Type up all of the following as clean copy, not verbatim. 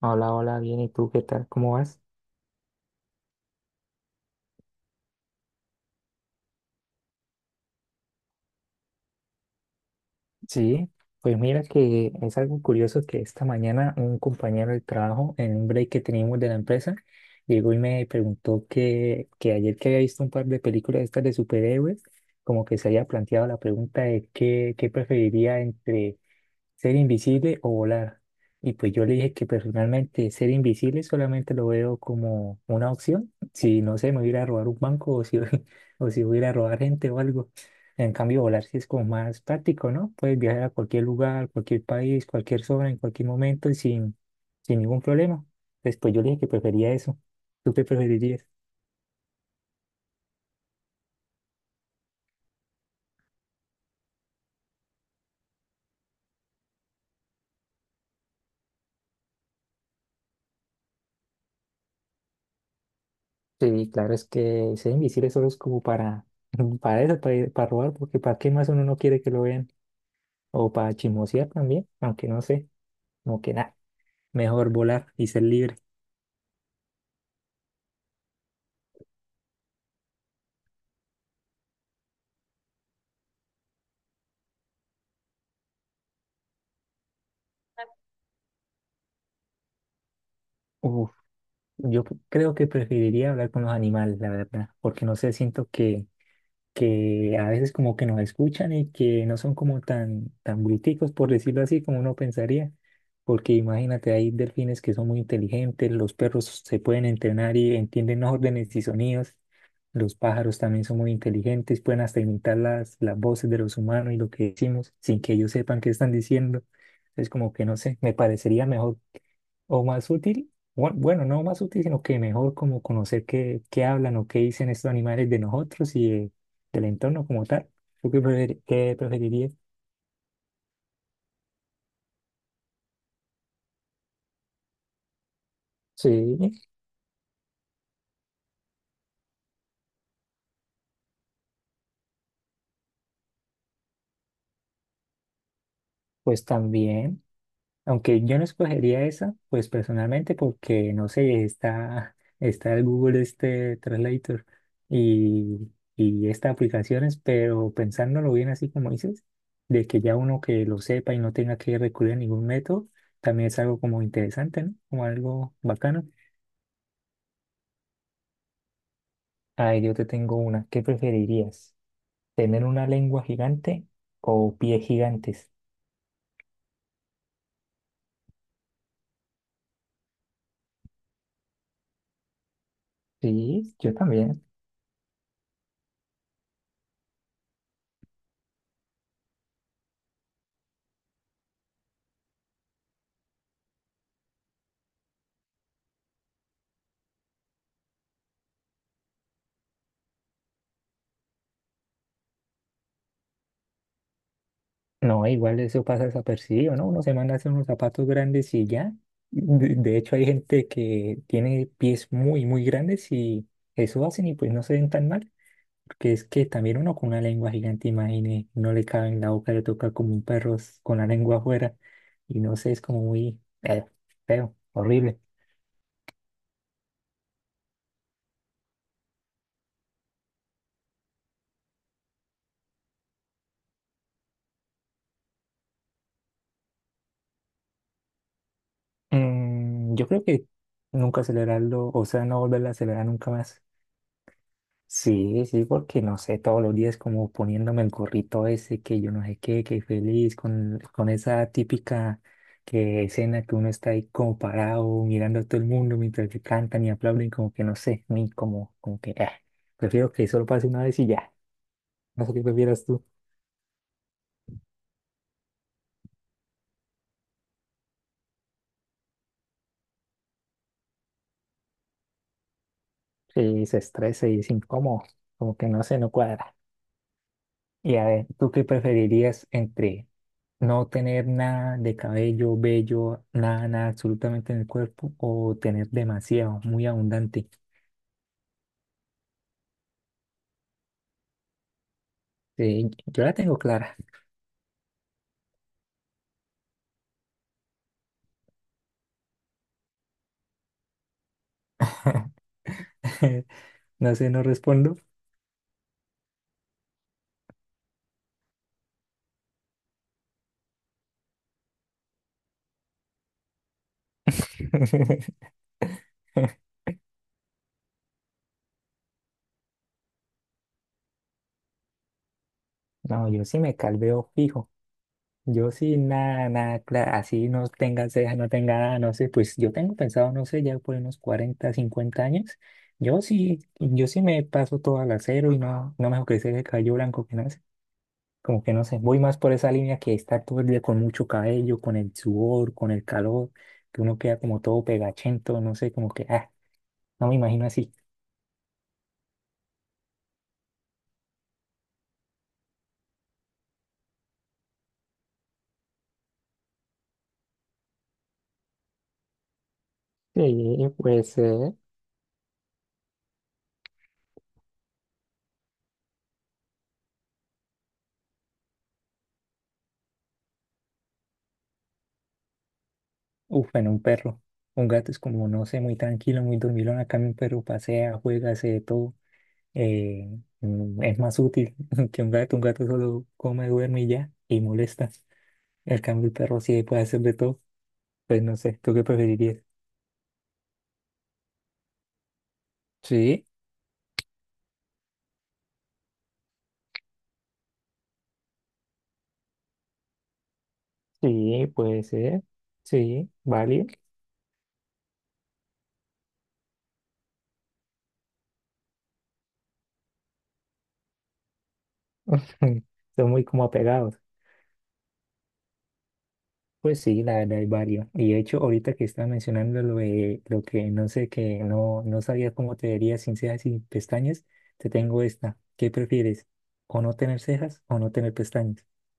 Hola, hola, bien, ¿y tú qué tal? ¿Cómo vas? Sí, pues mira que es algo curioso que esta mañana un compañero de trabajo, en un break que teníamos de la empresa, llegó y me preguntó que ayer que había visto un par de películas estas de superhéroes, como que se había planteado la pregunta de qué preferiría entre ser invisible o volar. Y pues yo le dije que personalmente ser invisible solamente lo veo como una opción. Si no sé, me voy a ir a robar un banco o si, o si voy a ir a robar gente o algo. En cambio, volar sí es como más práctico, ¿no? Puedes viajar a cualquier lugar, cualquier país, cualquier zona, en cualquier momento y sin ningún problema. Después yo le dije que prefería eso. ¿Tú qué preferirías? Sí, claro, es que ser invisible solo es como para, para eso, para robar, porque ¿para qué más uno no quiere que lo vean? O para chismosear también, aunque no sé, como que nada, mejor volar y ser libre. Uf, yo creo que preferiría hablar con los animales, la verdad, porque no sé, siento que a veces como que nos escuchan y que no son como tan bruticos, por decirlo así, como uno pensaría, porque imagínate, hay delfines que son muy inteligentes, los perros se pueden entrenar y entienden órdenes y sonidos, los pájaros también son muy inteligentes, pueden hasta imitar las voces de los humanos y lo que decimos sin que ellos sepan qué están diciendo. Es como que no sé, me parecería mejor o más útil, bueno, no más útil, sino que mejor como conocer qué hablan o qué dicen estos animales de nosotros y del entorno como tal. ¿Tú qué, qué preferirías? Sí, pues también. Aunque yo no escogería esa, pues personalmente porque, no sé, está el Google este Translator y, y estas aplicaciones, pero pensándolo bien así como dices, de que ya uno que lo sepa y no tenga que recurrir a ningún método, también es algo como interesante, ¿no? Como algo bacano. Ay, yo te tengo una. ¿Qué preferirías? ¿Tener una lengua gigante o pies gigantes? Sí, yo también. No, igual eso pasa desapercibido, ¿no? Uno se manda a hacer unos zapatos grandes y ya. De hecho, hay gente que tiene pies muy grandes y eso hacen y pues no se ven tan mal. Porque es que también uno con una lengua gigante, imagine, no le cabe en la boca, le toca como un perro con la lengua afuera. Y no sé, es como muy feo, horrible. Mm, yo creo que nunca acelerarlo, o sea, no volverlo a acelerar nunca más. Sí, sí, porque no sé, todos los días como poniéndome el gorrito ese, que yo no sé qué, que feliz, con esa típica escena que uno está ahí como parado, mirando a todo el mundo mientras que cantan y aplauden, como que no sé, muy como, como que, ah, prefiero que solo pase una vez y ya. No sé qué prefieras tú, que se estresa y es incómodo, como que no sé, no cuadra. Y a ver, ¿tú qué preferirías entre no tener nada de cabello, vello, nada absolutamente en el cuerpo o tener demasiado, muy abundante? Sí, yo la tengo clara. No sé, no respondo. No, yo sí me calveo fijo. Yo sí, nada, clara. Así no tenga ceja, no tenga nada, no sé. Pues yo tengo pensado, no sé, ya por unos 40 o 50 años. Yo sí, yo sí me paso todo al acero y no, no me hago crecer el cabello blanco que nada. Como que no sé, voy más por esa línea que está todo el día con mucho cabello, con el sudor, con el calor, que uno queda como todo pegachento, no sé, como que, ah, no me imagino así. Sí, pues uf, en un perro. Un gato es como, no sé, muy tranquilo, muy dormilón. Acá mi perro pasea, juega, hace de todo. eh, mm, es más útil que un gato. Un gato solo come, duerme y ya, y molesta. El cambio, el perro sí puede hacer de todo. Pues no sé, ¿tú qué preferirías? Sí, sí, puede ser. Sí, válido. Son muy como apegados. Pues sí, la verdad hay varios. Y de hecho, ahorita que estaba mencionando lo de lo que no sé, que no sabía cómo te verías sin cejas y pestañas, te tengo esta. ¿Qué prefieres? ¿O no tener cejas o no tener pestañas?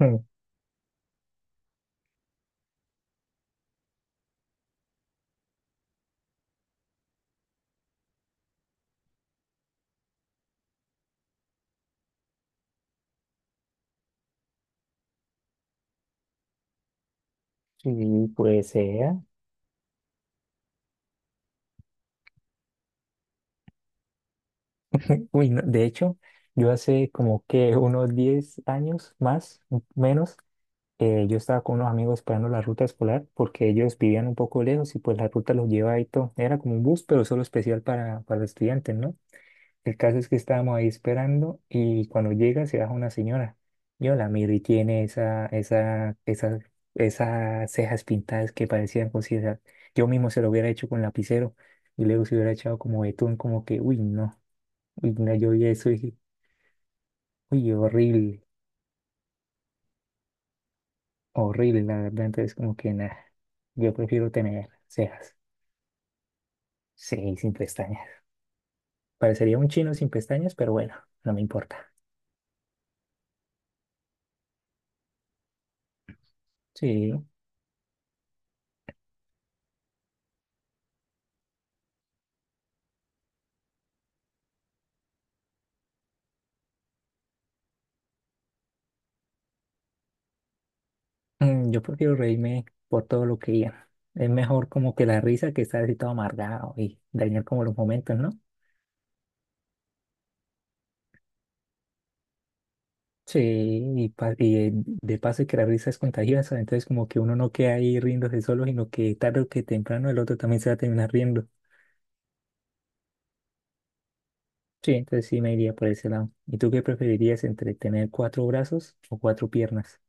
Mm, sí, pues sea. Uy, no, de hecho, yo hace como que unos 10 años más, menos, yo estaba con unos amigos esperando la ruta escolar porque ellos vivían un poco lejos y pues la ruta los lleva ahí todo. Era como un bus, pero solo especial para estudiantes, ¿no? El caso es que estábamos ahí esperando y cuando llega se baja una señora. Yo la miro y tiene esas cejas pintadas que parecían cositas. Yo mismo se lo hubiera hecho con lapicero y luego se hubiera echado como betún, como que, uy, no, yo vi eso y dije, uy, horrible, horrible, la verdad. Entonces, como que nada, yo prefiero tener cejas. Sí, sin pestañas. Parecería un chino sin pestañas, pero bueno, no me importa. Sí, mm, yo prefiero reírme por todo lo que digan. Es mejor como que la risa que estar así todo amargado y dañar como los momentos, ¿no? Sí, de paso que la risa es contagiosa, entonces como que uno no queda ahí riéndose solo, sino que tarde o que temprano el otro también se va a terminar riendo. Sí, entonces sí me iría por ese lado. ¿Y tú qué preferirías entre tener 4 brazos o 4 piernas?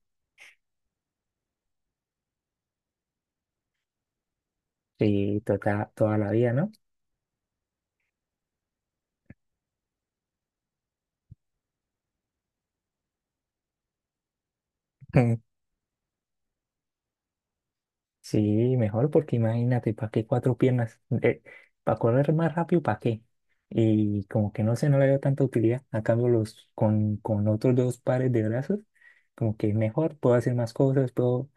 Sí, toda, toda la vida, ¿no? Sí, mejor porque imagínate, ¿para qué 4 piernas? ¿Para correr más rápido, para qué? Y como que no sé, no le veo tanta utilidad. A cambio, con otros 2 pares de brazos, como que mejor, puedo hacer más cosas, puedo,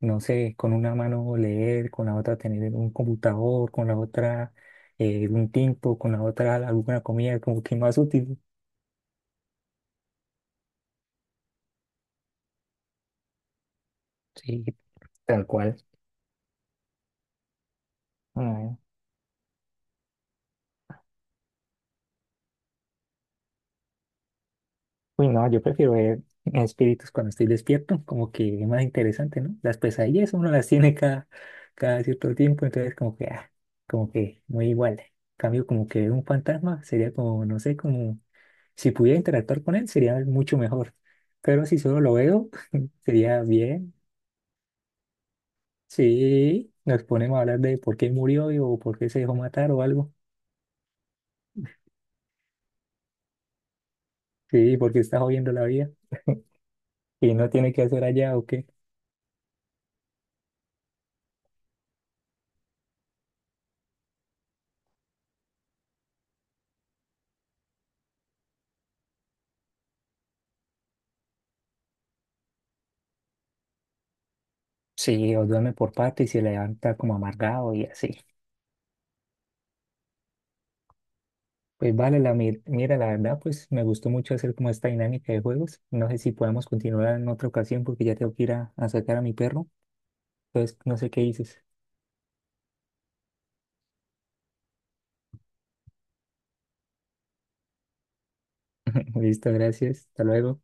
no sé, con una mano leer, con la otra tener un computador, con la otra un tiempo, con la otra alguna comida, como que más útil. Sí, tal cual. Uy, no, yo prefiero ver espíritus cuando estoy despierto, como que es más interesante, ¿no? Las pesadillas uno las tiene cada cierto tiempo, entonces como que, ah, como que muy igual. En cambio, como que ver un fantasma sería como, no sé, como si pudiera interactuar con él sería mucho mejor. Pero si solo lo veo, sería bien. Sí, nos ponemos a hablar de por qué murió o por qué se dejó matar o algo. Sí, porque está jodiendo la vida y no tiene que hacer allá o qué. Sí, o duerme por parte y se levanta como amargado y así. Pues vale, mira, la verdad, pues me gustó mucho hacer como esta dinámica de juegos. No sé si podemos continuar en otra ocasión porque ya tengo que ir a sacar a mi perro. Entonces, no sé qué dices. Listo, gracias. Hasta luego.